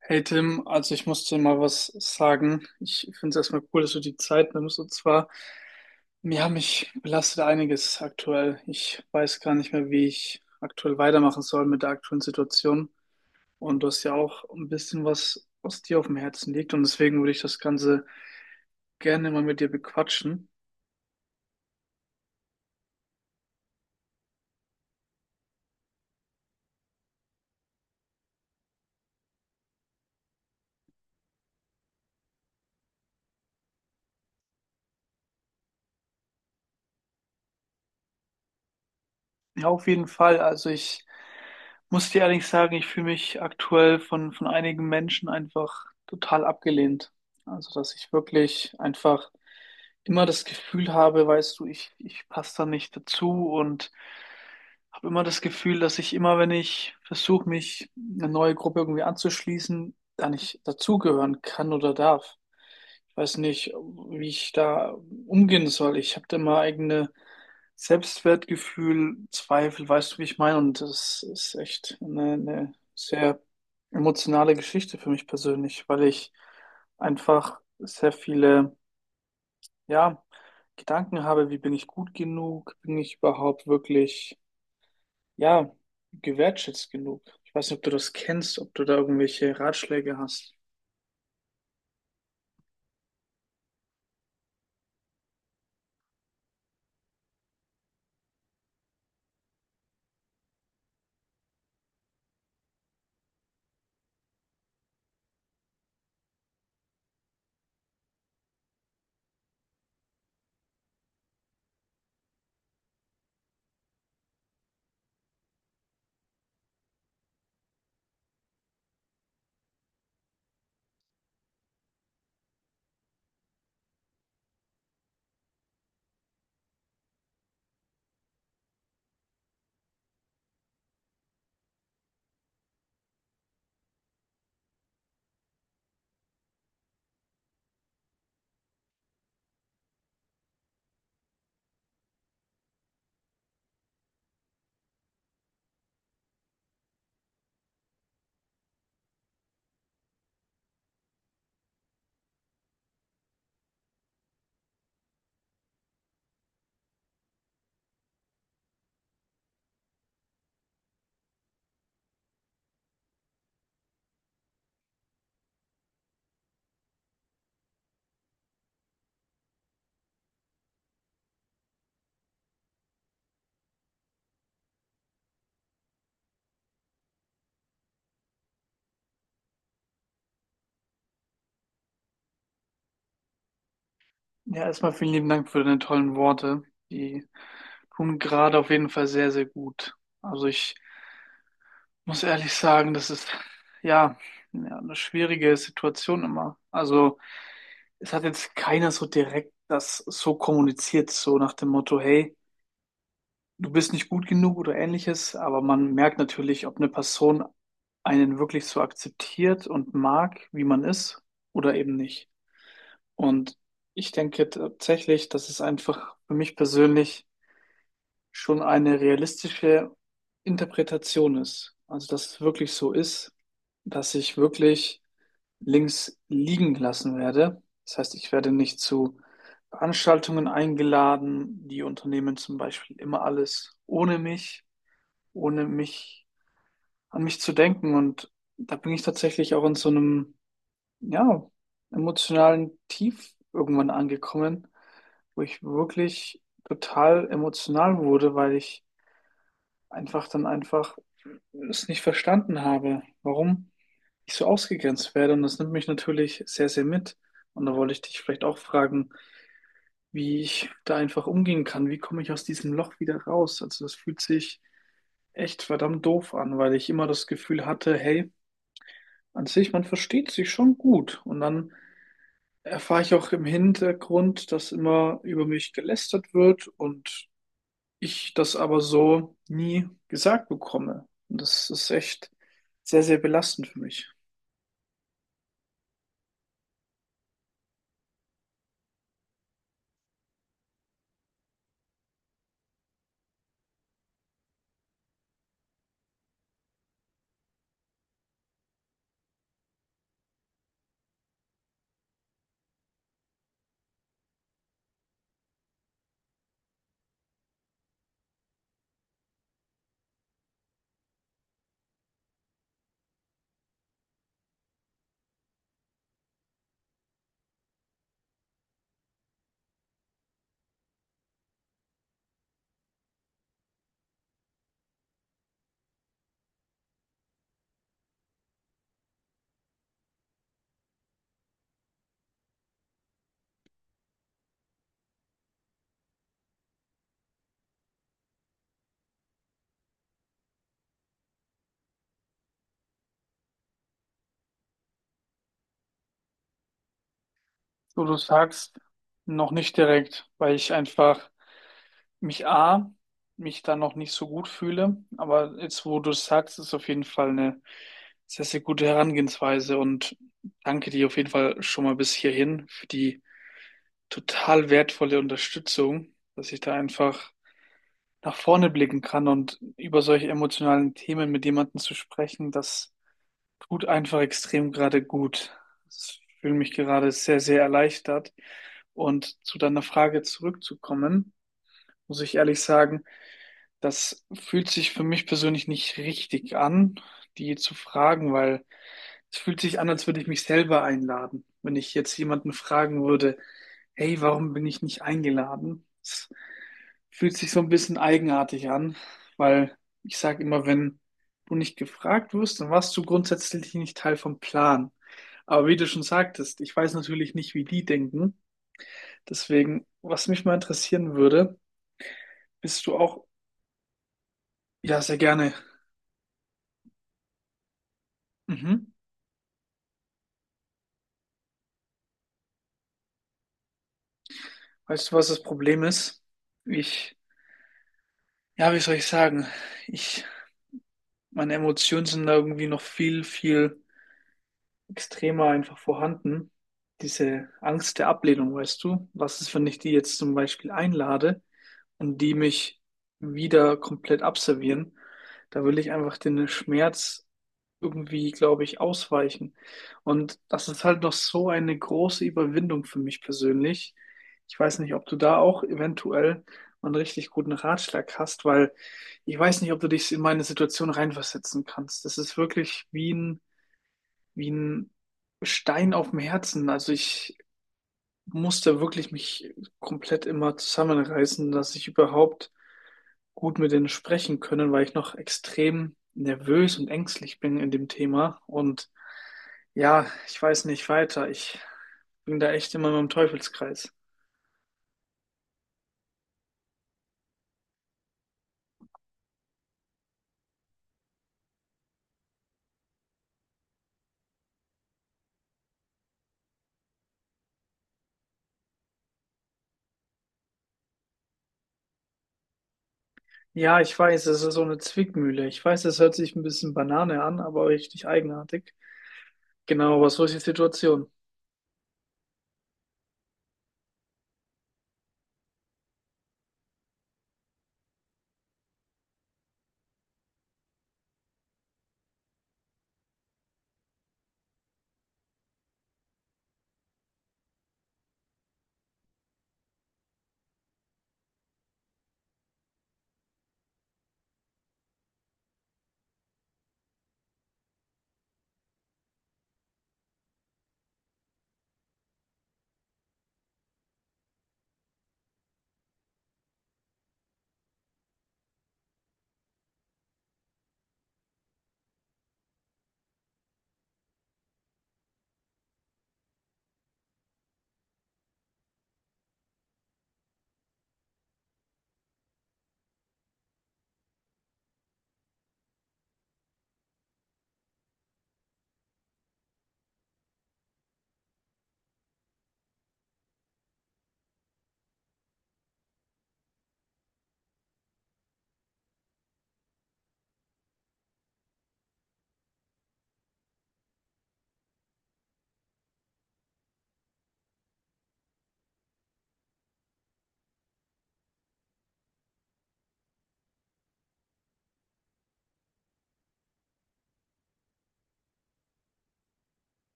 Hey Tim, also ich muss dir mal was sagen. Ich finde es erstmal cool, dass du die Zeit nimmst. Und zwar, ja, mich belastet einiges aktuell. Ich weiß gar nicht mehr, wie ich aktuell weitermachen soll mit der aktuellen Situation. Und du hast ja auch ein bisschen was, was dir auf dem Herzen liegt. Und deswegen würde ich das Ganze gerne mal mit dir bequatschen. Ja, auf jeden Fall. Also ich muss dir ehrlich sagen, ich fühle mich aktuell von einigen Menschen einfach total abgelehnt. Also, dass ich wirklich einfach immer das Gefühl habe, weißt du, ich passe da nicht dazu und habe immer das Gefühl, dass ich immer, wenn ich versuche, mich eine neue Gruppe irgendwie anzuschließen, da nicht dazugehören kann oder darf. Ich weiß nicht, wie ich da umgehen soll. Ich habe da mal eigene Selbstwertgefühl, Zweifel, weißt du, wie ich meine? Und das ist echt eine sehr emotionale Geschichte für mich persönlich, weil ich einfach sehr viele, ja, Gedanken habe, wie bin ich gut genug? Bin ich überhaupt wirklich, ja, gewertschätzt genug? Ich weiß nicht, ob du das kennst, ob du da irgendwelche Ratschläge hast. Ja, erstmal vielen lieben Dank für deine tollen Worte. Die tun gerade auf jeden Fall sehr, sehr gut. Also ich muss ehrlich sagen, das ist ja, ja eine schwierige Situation immer. Also es hat jetzt keiner so direkt das so kommuniziert, so nach dem Motto, hey, du bist nicht gut genug oder ähnliches, aber man merkt natürlich, ob eine Person einen wirklich so akzeptiert und mag, wie man ist, oder eben nicht. Und ich denke tatsächlich, dass es einfach für mich persönlich schon eine realistische Interpretation ist. Also, dass es wirklich so ist, dass ich wirklich links liegen gelassen werde. Das heißt, ich werde nicht zu Veranstaltungen eingeladen. Die unternehmen zum Beispiel immer alles ohne mich, ohne mich an mich zu denken. Und da bin ich tatsächlich auch in so einem ja, emotionalen Tief irgendwann angekommen, wo ich wirklich total emotional wurde, weil ich einfach es nicht verstanden habe, warum ich so ausgegrenzt werde. Und das nimmt mich natürlich sehr, sehr mit. Und da wollte ich dich vielleicht auch fragen, wie ich da einfach umgehen kann. Wie komme ich aus diesem Loch wieder raus? Also das fühlt sich echt verdammt doof an, weil ich immer das Gefühl hatte, hey, an sich, man versteht sich schon gut. Und dann erfahre ich auch im Hintergrund, dass immer über mich gelästert wird und ich das aber so nie gesagt bekomme. Und das ist echt sehr, sehr belastend für mich. So, du sagst noch nicht direkt, weil ich einfach mich A, mich da noch nicht so gut fühle. Aber jetzt, wo du es sagst, ist auf jeden Fall eine sehr, sehr gute Herangehensweise und danke dir auf jeden Fall schon mal bis hierhin für die total wertvolle Unterstützung, dass ich da einfach nach vorne blicken kann, und über solche emotionalen Themen mit jemandem zu sprechen, das tut einfach extrem gerade gut. Ich fühle mich gerade sehr, sehr erleichtert. Und zu deiner Frage zurückzukommen, muss ich ehrlich sagen, das fühlt sich für mich persönlich nicht richtig an, die zu fragen, weil es fühlt sich an, als würde ich mich selber einladen. Wenn ich jetzt jemanden fragen würde, hey, warum bin ich nicht eingeladen? Es fühlt sich so ein bisschen eigenartig an, weil ich sage immer, wenn du nicht gefragt wirst, dann warst du grundsätzlich nicht Teil vom Plan. Aber wie du schon sagtest, ich weiß natürlich nicht, wie die denken. Deswegen, was mich mal interessieren würde, bist du auch, ja, sehr gerne. Mhm. Weißt du, was das Problem ist? Ich, ja, wie soll ich sagen? Ich, meine Emotionen sind da irgendwie noch viel extremer einfach vorhanden. Diese Angst der Ablehnung, weißt du? Was ist, wenn ich die jetzt zum Beispiel einlade und die mich wieder komplett abservieren? Da will ich einfach den Schmerz irgendwie, glaube ich, ausweichen. Und das ist halt noch so eine große Überwindung für mich persönlich. Ich weiß nicht, ob du da auch eventuell einen richtig guten Ratschlag hast, weil ich weiß nicht, ob du dich in meine Situation reinversetzen kannst. Das ist wirklich wie ein Stein auf dem Herzen. Also ich musste wirklich mich komplett immer zusammenreißen, dass ich überhaupt gut mit denen sprechen können, weil ich noch extrem nervös und ängstlich bin in dem Thema. Und ja, ich weiß nicht weiter. Ich bin da echt immer im Teufelskreis. Ja, ich weiß, es ist so eine Zwickmühle. Ich weiß, es hört sich ein bisschen Banane an, aber richtig eigenartig. Genau, aber so ist die Situation.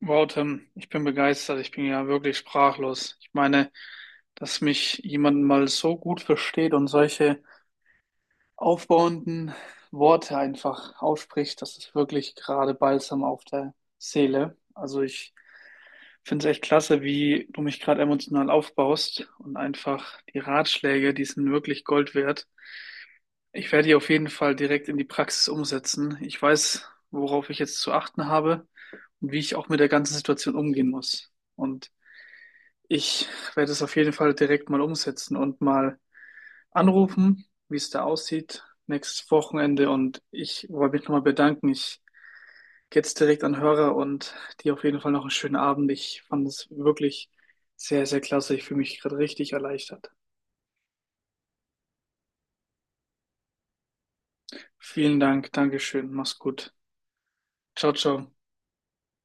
Wow, Tim, ich bin begeistert. Ich bin ja wirklich sprachlos. Ich meine, dass mich jemand mal so gut versteht und solche aufbauenden Worte einfach ausspricht, das ist wirklich gerade Balsam auf der Seele. Also ich finde es echt klasse, wie du mich gerade emotional aufbaust, und einfach die Ratschläge, die sind wirklich Gold wert. Ich werde die auf jeden Fall direkt in die Praxis umsetzen. Ich weiß, worauf ich jetzt zu achten habe und wie ich auch mit der ganzen Situation umgehen muss. Und ich werde es auf jeden Fall direkt mal umsetzen und mal anrufen, wie es da aussieht, nächstes Wochenende. Und ich wollte mich nochmal bedanken. Ich gehe jetzt direkt an den Hörer und dir auf jeden Fall noch einen schönen Abend. Ich fand es wirklich sehr, sehr klasse. Ich fühle mich gerade richtig erleichtert. Vielen Dank. Dankeschön. Mach's gut. Ciao, ciao.